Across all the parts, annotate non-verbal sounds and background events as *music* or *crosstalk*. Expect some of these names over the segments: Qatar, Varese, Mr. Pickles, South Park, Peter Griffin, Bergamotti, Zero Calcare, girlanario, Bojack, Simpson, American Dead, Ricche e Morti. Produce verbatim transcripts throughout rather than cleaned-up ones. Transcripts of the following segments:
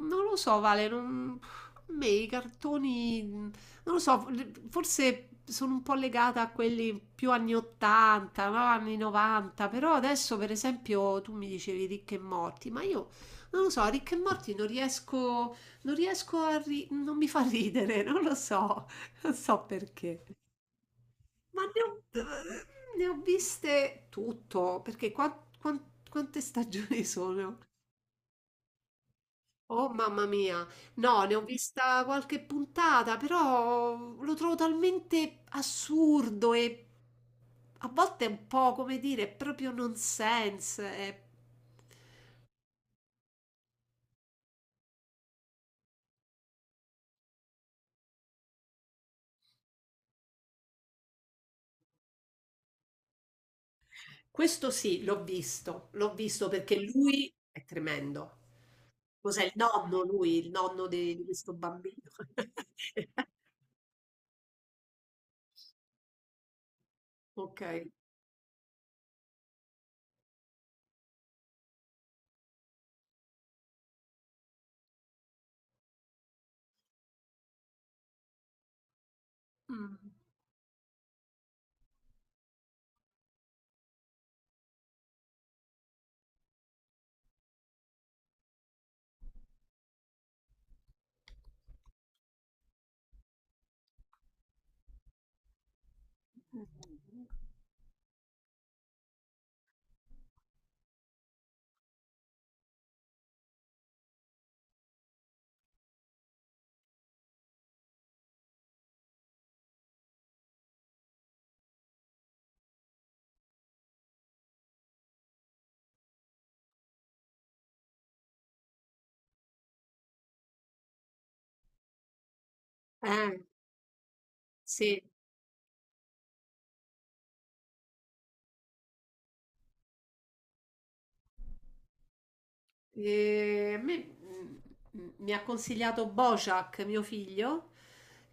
Non lo so, Vale, non... a me i cartoni, non lo so, forse sono un po' legata a quelli più anni ottanta, no? Anni novanta. Però adesso per esempio tu mi dicevi Ricche e Morti, ma io non lo so, Ricche e Morti non riesco, non riesco a ri- non mi fa ridere, *laughs* non lo so, non so perché. Ma ne ho, ne ho viste tutto, perché qua- quan- quante stagioni sono? Oh mamma mia, no, ne ho vista qualche puntata, però lo trovo talmente assurdo e a volte è un po', come dire, è proprio nonsense. è- Questo sì, l'ho visto, l'ho visto perché lui è tremendo. Cos'è il nonno lui, il nonno de- di questo bambino? *laughs* Ok. Mm. Eh, sì. E a me, mhmm, mhmm, mi ha consigliato Bojack, mio figlio,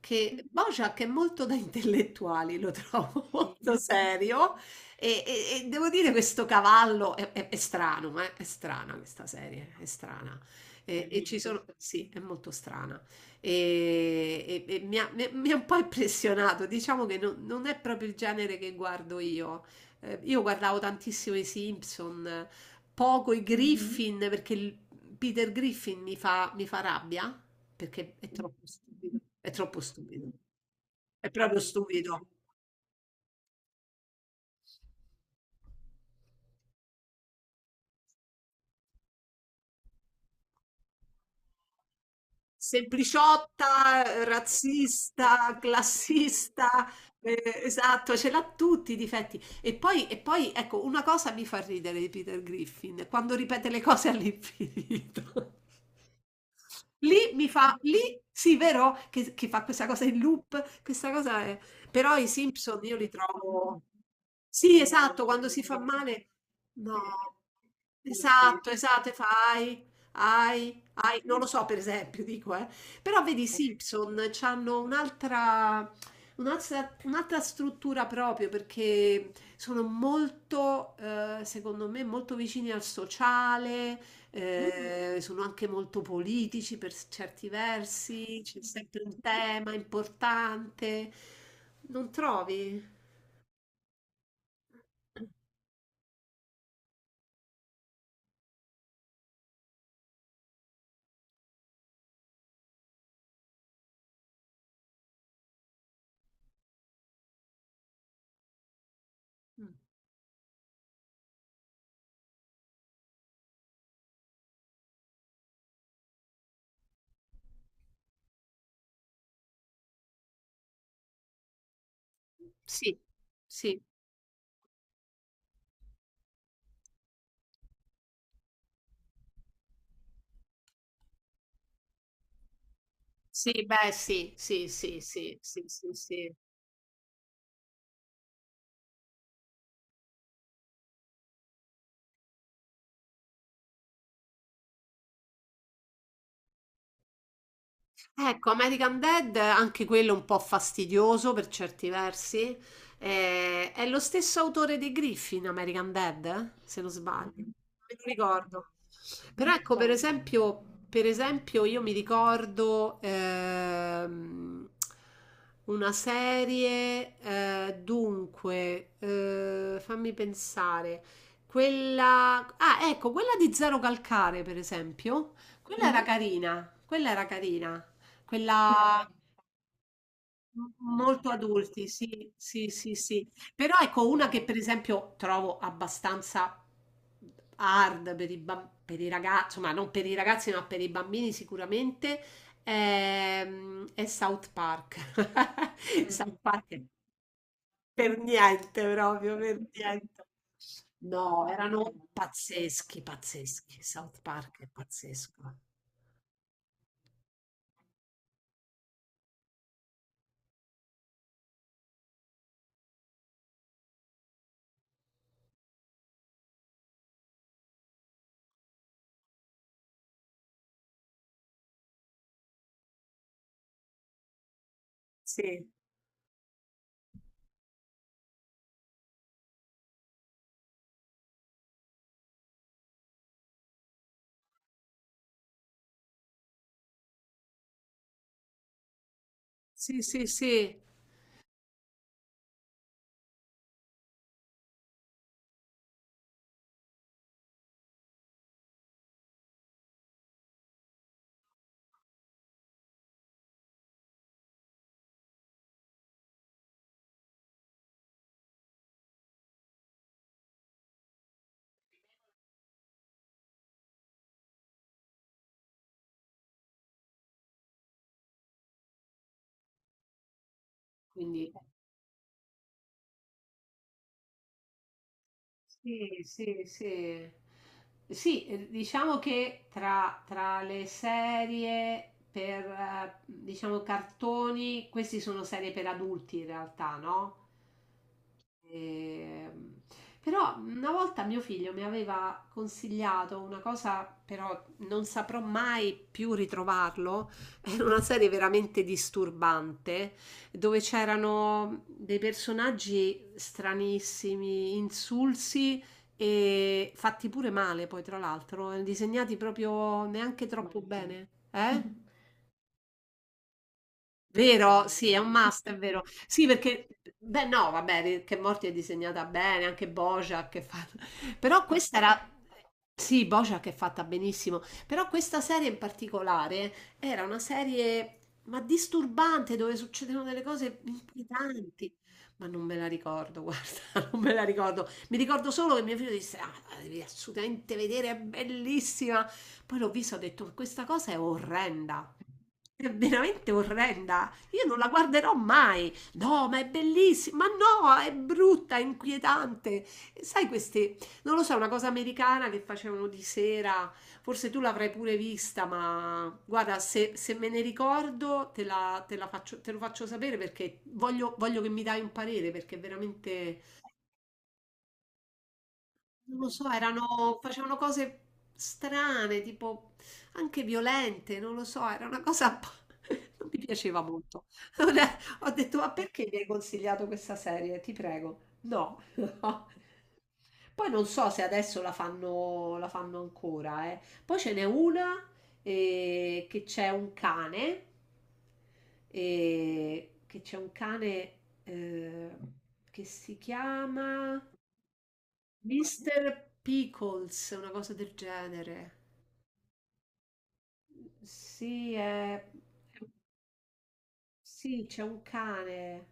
che Mh-mh. Bojack è molto da intellettuali, lo trovo *laughs* sì, molto serio e e e devo dire questo cavallo è è è strano, eh, è strana questa serie, è strana. E e ci bellissimo. Sono sì, è molto strana. E e e mi ha mi ha mi ha un po' impressionato, diciamo che non non è proprio il genere che guardo io. Ehm, io guardavo tantissimo i Simpson, poco i Griffin, mm-hmm. perché il- Peter Griffin mi fa, mi fa rabbia perché è troppo stupido. È troppo stupido. È proprio stupido. Sempliciotta, razzista, classista, eh, esatto, ce l'ha tutti i difetti. E poi, e poi, ecco, una cosa mi fa ridere di Peter Griffin, quando ripete le cose all'infinito. *laughs* Lì mi fa lì sì, vero? Che che fa questa cosa in loop, questa cosa è però i Simpson io li trovo sì, esatto, quando si fa male, no. Esatto, esatto, e fa "Ahi, ahi, ahi", non lo so per esempio, dico, eh. Però vedi i Simpson c'hanno un'altra un'altra un'altra struttura proprio perché sono molto, ehm, secondo me molto vicini al sociale, eh, sono anche molto politici per s- certi versi, c'è sempre un tema importante, non trovi? Mm. Sì, sì, sì, beh, sì, sì, sì, sì, sì, sì, sì. Ecco, American Dead, anche quello un po' fastidioso per certi versi. Eh, è lo stesso autore di Griffin, American Dead, eh? Se non sbaglio. Non me lo ricordo. Però ecco, per esempio, per esempio io mi ricordo ehm, una serie, eh, dunque, eh, fammi pensare, quella... Ah, ecco, quella di Zero Calcare, per esempio. Quella era carina, quella era carina. Quella m molto adulti, sì, sì, sì, sì. Però ecco una che per esempio trovo abbastanza hard per i, bam- per i ragazzi, insomma non per i ragazzi ma per i bambini sicuramente, ehm, è South Park. *laughs* South Park è per niente proprio, per niente. No, erano pazzeschi, pazzeschi. South Park è pazzesco. Sì, sì, sì, sì. Quindi sì, sì, sì. Sì, eh, diciamo che tra, tra le serie per, eh, diciamo, cartoni, queste sono serie per adulti in realtà, no? Ehm, Però una volta mio figlio mi aveva consigliato una cosa, però non saprò mai più ritrovarlo, *laughs* era una serie veramente disturbante, dove c'erano dei personaggi stranissimi, insulsi e fatti pure male, poi tra l'altro, eh, disegnati proprio neanche troppo bene, eh? *laughs* Vero? Sì, è un must, è vero. Sì, perché, beh, no, vabbè, che Morti è disegnata bene, anche Bojack è fatta. *laughs* Però questa era. Sì, Bojack è fatta benissimo. Però questa serie in particolare era una serie, ma disturbante, dove succedono delle cose inquietanti. Ma non me la ricordo, guarda, *laughs* non me la ricordo. Mi ricordo solo che mio figlio disse: Ah, la devi assolutamente vedere, è bellissima. Poi l'ho vista e ho detto, questa cosa è orrenda. È veramente orrenda. Io non la guarderò mai. No, ma è bellissima. Ma no, è brutta, è inquietante. Sai queste, non lo so, una cosa americana che facevano di sera. Forse tu l'avrai pure vista, ma guarda, se, se me ne ricordo te la, te la faccio, te lo faccio sapere perché voglio, voglio che mi dai un parere perché è veramente non lo so, erano, facevano cose strane, tipo anche violente, non lo so, era una cosa un po'- *laughs* non mi piaceva molto. Allora, ho detto, ma perché mi hai consigliato questa serie? Ti prego. No. *laughs* Poi non so se adesso la fanno, la fanno ancora, eh. Poi ce n'è una eh, che c'è un cane, eh, che c'è un cane eh, che si chiama... mister Pickles, una cosa del genere. Sì, è... è- sì, c'è un cane,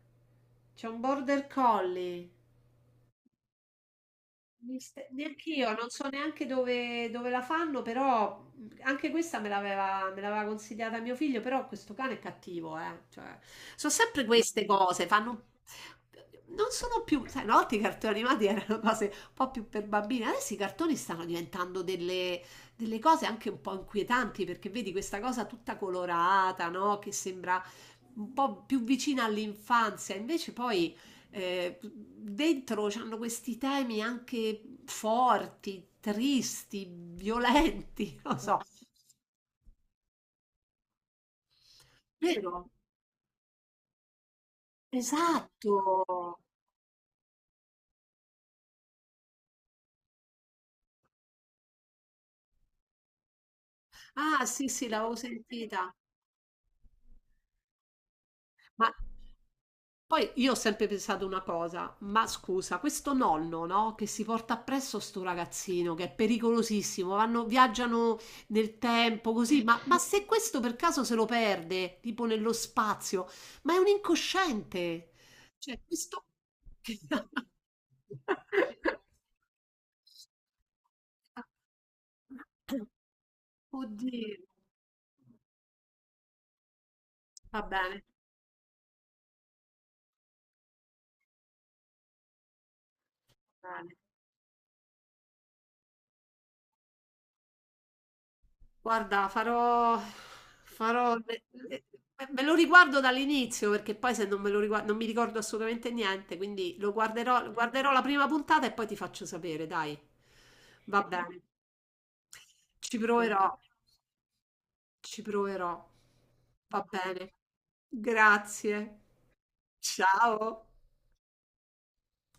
c'è un border collie. Mi ste- Neanch'io, non so neanche dove, dove la fanno, però mh, anche questa me l'aveva me l'aveva consigliata mio figlio, però questo cane è cattivo, eh. Cioè, sono sempre queste cose, fanno... Non sono più... Sai, una volta i cartoni animati erano cose un po' più per bambini, adesso i cartoni stanno diventando delle, delle cose anche un po' inquietanti, perché vedi questa cosa tutta colorata, no? Che sembra un po' più vicina all'infanzia, invece poi eh, dentro c'hanno questi temi anche forti, tristi, violenti, *laughs* non so. Vero? Esatto. Ah, sì, sì, l'avevo sentita. Ma poi io ho sempre pensato una cosa, ma scusa, questo nonno, no, che si porta appresso sto ragazzino, che è pericolosissimo, vanno, viaggiano nel tempo così, ma, ma se questo per caso se lo perde, tipo nello spazio, ma è un incosciente. Cioè, questo... *laughs* Oddio, va bene, va bene. Guarda, farò farò le le me lo riguardo dall'inizio, perché poi se non me lo rigua non mi ricordo assolutamente niente, quindi lo guarderò guarderò la prima puntata e poi ti faccio sapere, dai. Va bene. Ci proverò, ci proverò. Va bene. Grazie. Ciao.